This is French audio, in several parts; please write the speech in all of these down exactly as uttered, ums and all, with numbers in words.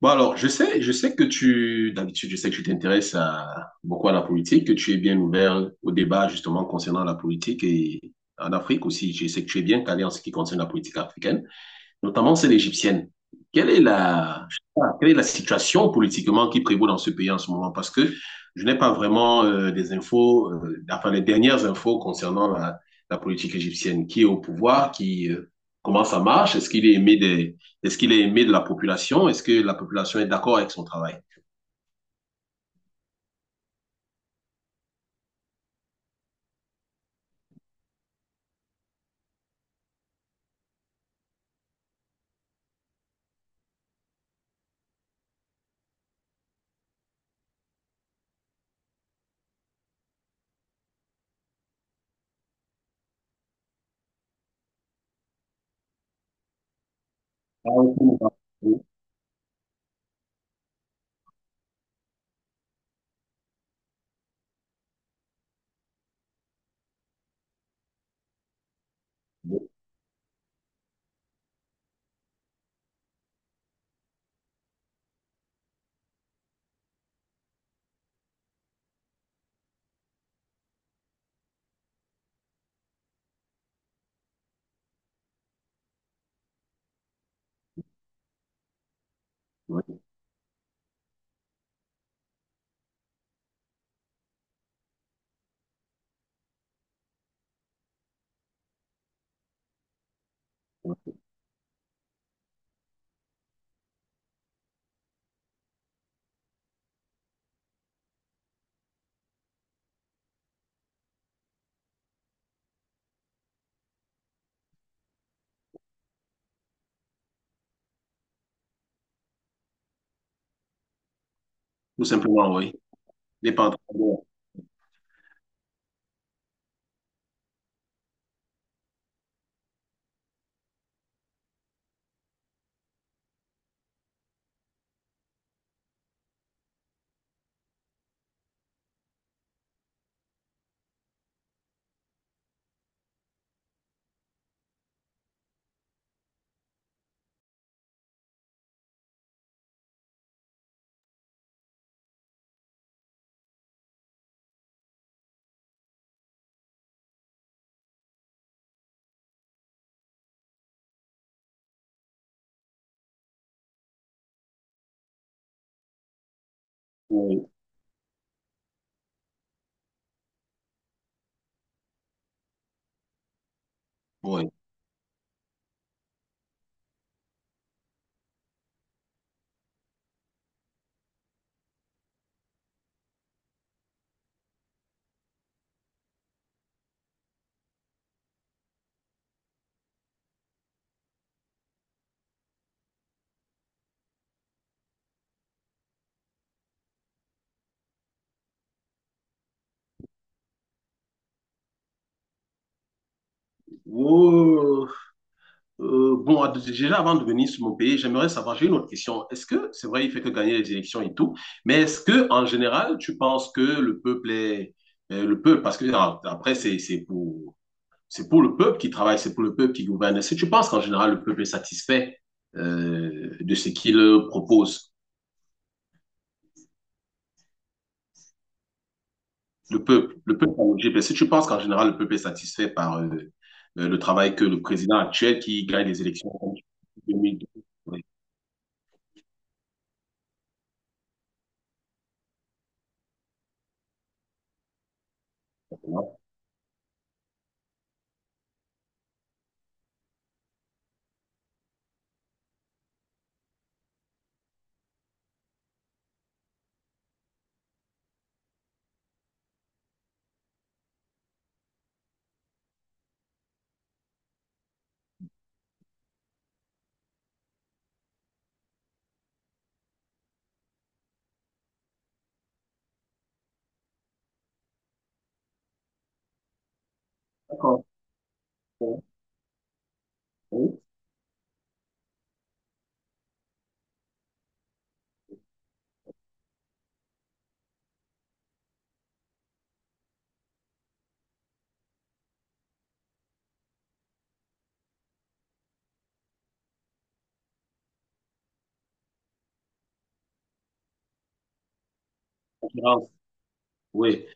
Bon, alors, je sais, je sais que tu, d'habitude, je sais que tu t'intéresses à, beaucoup à la politique, que tu es bien ouvert au débat, justement, concernant la politique et en Afrique aussi. Je sais que tu es bien calé en ce qui concerne la politique africaine, notamment celle égyptienne. Quelle est la, je sais pas, quelle est la situation politiquement qui prévaut dans ce pays en ce moment? Parce que je n'ai pas vraiment euh, des infos, euh, enfin les dernières infos concernant la, la politique égyptienne. Qui est au pouvoir? Qui, euh, comment ça marche? Est-ce qu'il est aimé des, est-ce qu'il est aimé de la population? Est-ce que la population est d'accord avec son travail? Ah, oui, oui, oui, oui. Tout simplement, oui. Il n'est pas en train de- Oui. Oui. Oh. Euh, bon, déjà avant de venir sur mon pays, j'aimerais savoir, j'ai une autre question. Est-ce que, c'est vrai, il fait que gagner les élections et tout, mais est-ce que, en général, tu penses que le peuple est, euh, le peuple, parce que ah, après, c'est, c'est pour, c'est pour le peuple qui travaille, c'est pour le peuple qui gouverne. Est-ce que tu penses qu'en général, le peuple est satisfait, euh, de ce qu'il propose? Le peuple, le peuple en Égypte, est-ce que tu penses qu'en général, le peuple est satisfait par, euh, euh, le travail que le président actuel qui gagne les élections en deux mille douze, d'accord. Oui. Oui. Concurrence. Oui.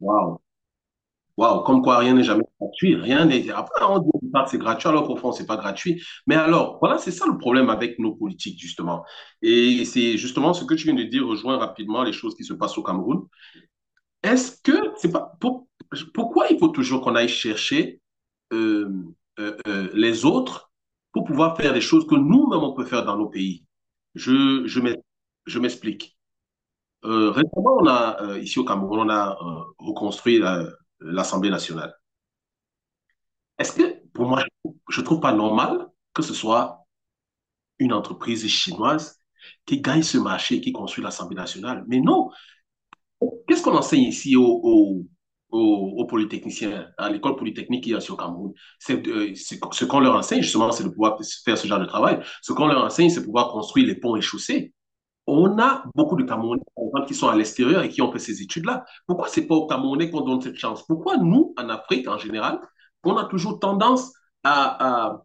Waouh. Waouh. Comme quoi, rien n'est jamais gratuit. Rien n'est. Après, on dit au départ que c'est gratuit, alors qu'au fond, c'est pas gratuit. Mais alors, voilà, c'est ça le problème avec nos politiques, justement. Et c'est justement ce que tu viens de dire, rejoint rapidement les choses qui se passent au Cameroun. Est-ce que c'est pas. Pour- Pourquoi il faut toujours qu'on aille chercher euh, euh, euh, les autres pour pouvoir faire des choses que nous-mêmes on peut faire dans nos pays. Je, je m'ex- je m'explique. Euh, récemment, on a, euh, ici au Cameroun, on a euh, reconstruit la- l'Assemblée nationale. Est-ce que, pour moi, je ne trouve pas normal que ce soit une entreprise chinoise qui gagne ce marché, et qui construit l'Assemblée nationale? Mais non! Qu'est-ce qu'on enseigne ici aux aux- aux- aux polytechniciens, à l'école polytechnique qu'il y a sur Cameroun? C'est, euh, ce ce qu'on leur enseigne, justement, c'est de pouvoir faire ce genre de travail. Ce qu'on leur enseigne, c'est de pouvoir construire les ponts et chaussées. On a beaucoup de Camerounais qui sont à l'extérieur et qui ont fait ces études-là. Pourquoi c'est pas aux Camerounais qu'on donne cette chance? Pourquoi nous, en Afrique, en général, on a toujours tendance à. à,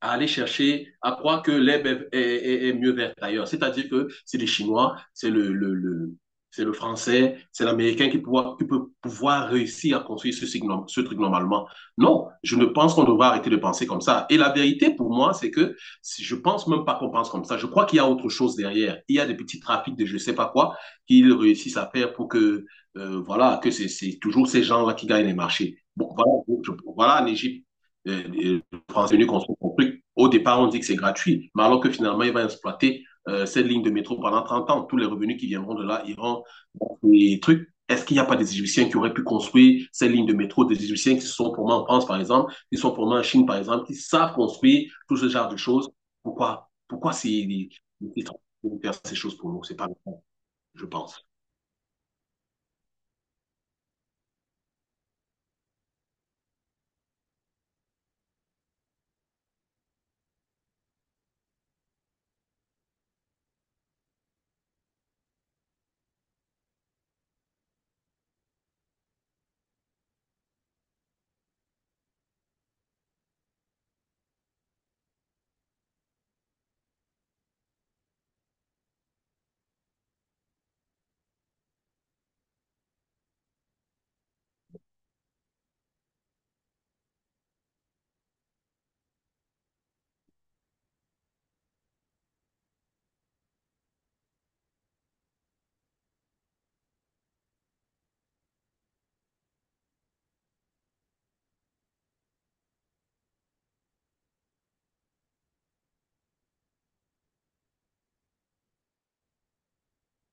à aller chercher, à croire que l'herbe est, est- est mieux verte ailleurs. C'est-à-dire que c'est les Chinois, c'est le, le, le- c'est le Français, c'est l'Américain qui, qui peut pouvoir réussir à construire ce, ce truc normalement. Non, je ne pense qu'on devrait arrêter de penser comme ça. Et la vérité pour moi, c'est que si- je ne pense même pas qu'on pense comme ça. Je crois qu'il y a autre chose derrière. Il y a des petits trafics de je ne sais pas quoi qu'ils réussissent à faire pour que, euh, voilà, que c'est toujours ces gens-là qui gagnent les marchés. Bon, voilà, je- voilà en Égypte. Euh, euh, transvenu qu'on se construit. Au départ, on dit que c'est gratuit, mais alors que finalement, il va exploiter euh, cette ligne de métro pendant trente ans. Tous les revenus qui viendront de là iront dans les trucs. Est-ce qu'il n'y a pas des Égyptiens qui auraient pu construire ces lignes de métro, des Égyptiens qui sont pour moi en France, par exemple, qui sont pour moi en Chine, par exemple, qui savent construire tout ce genre de choses? Pourquoi, pourquoi c'est faire ces choses pour nous? C'est pas le cas, je pense.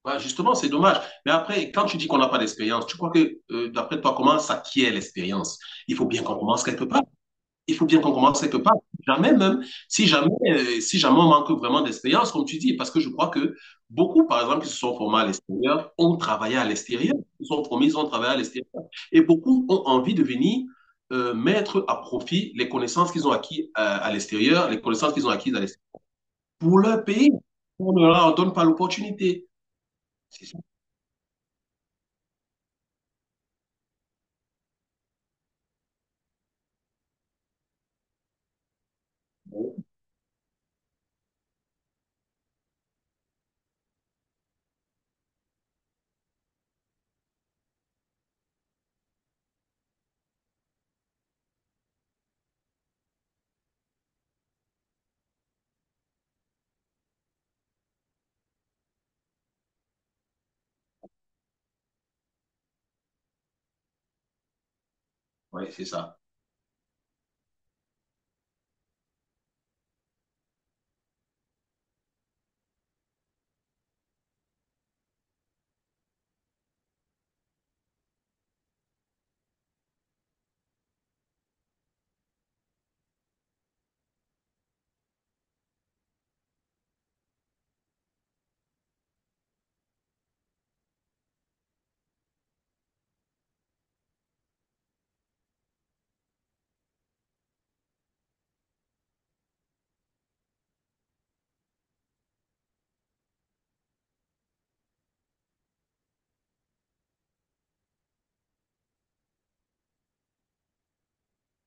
Ouais, justement, c'est dommage. Mais après, quand tu dis qu'on n'a pas d'expérience, tu crois que, euh, d'après toi, comment s'acquiert l'expérience? Il faut bien qu'on commence quelque part. Il faut bien qu'on commence quelque part. Jamais même, si jamais, euh, si jamais on manque vraiment d'expérience, comme tu dis, parce que je crois que beaucoup, par exemple, qui se sont formés à l'extérieur, ont travaillé à l'extérieur. Ils sont formés, ils ont travaillé à l'extérieur. Et beaucoup ont envie de venir euh, mettre à profit les connaissances qu'ils ont acquises à, à l'extérieur, les connaissances qu'ils ont acquises à l'extérieur pour leur pays. On ne leur donne pas l'opportunité. C'est ça. Ouais, c'est ça.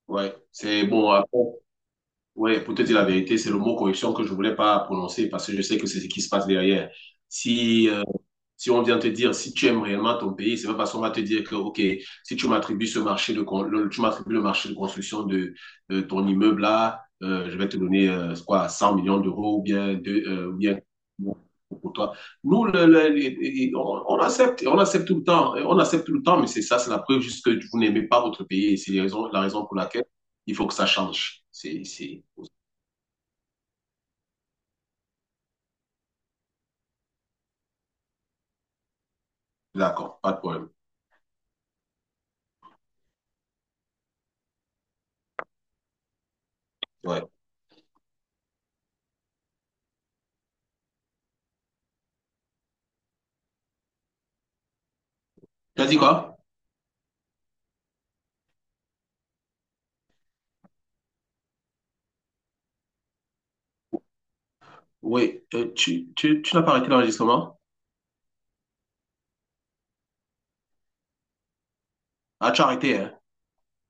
Ouais. C'est bon. Après, oui, pour te dire la vérité, c'est le mot corruption que je voulais pas prononcer parce que je sais que c'est ce qui se passe derrière. Si, euh, si on vient te dire, si tu aimes réellement ton pays, c'est pas parce qu'on va te dire que, OK, si tu m'attribues ce marché de, con- le, tu m'attribues le marché de construction de, de ton immeuble là, euh, je vais te donner, euh, quoi, cent millions d'euros ou bien, deux, euh, ou bien pour toi. Nous, le- le- le- on, on accepte, on accepte tout le temps, on accepte tout le temps, mais c'est ça, c'est la preuve juste que vous n'aimez pas votre pays et c'est les raisons- la raison pour laquelle il faut que ça change. C'est, c'est... D'accord, pas de problème. Ouais. Tu as dit quoi? Oui, euh, tu, tu, tu n'as pas arrêté l'enregistrement? Ah, tu as arrêté, hein?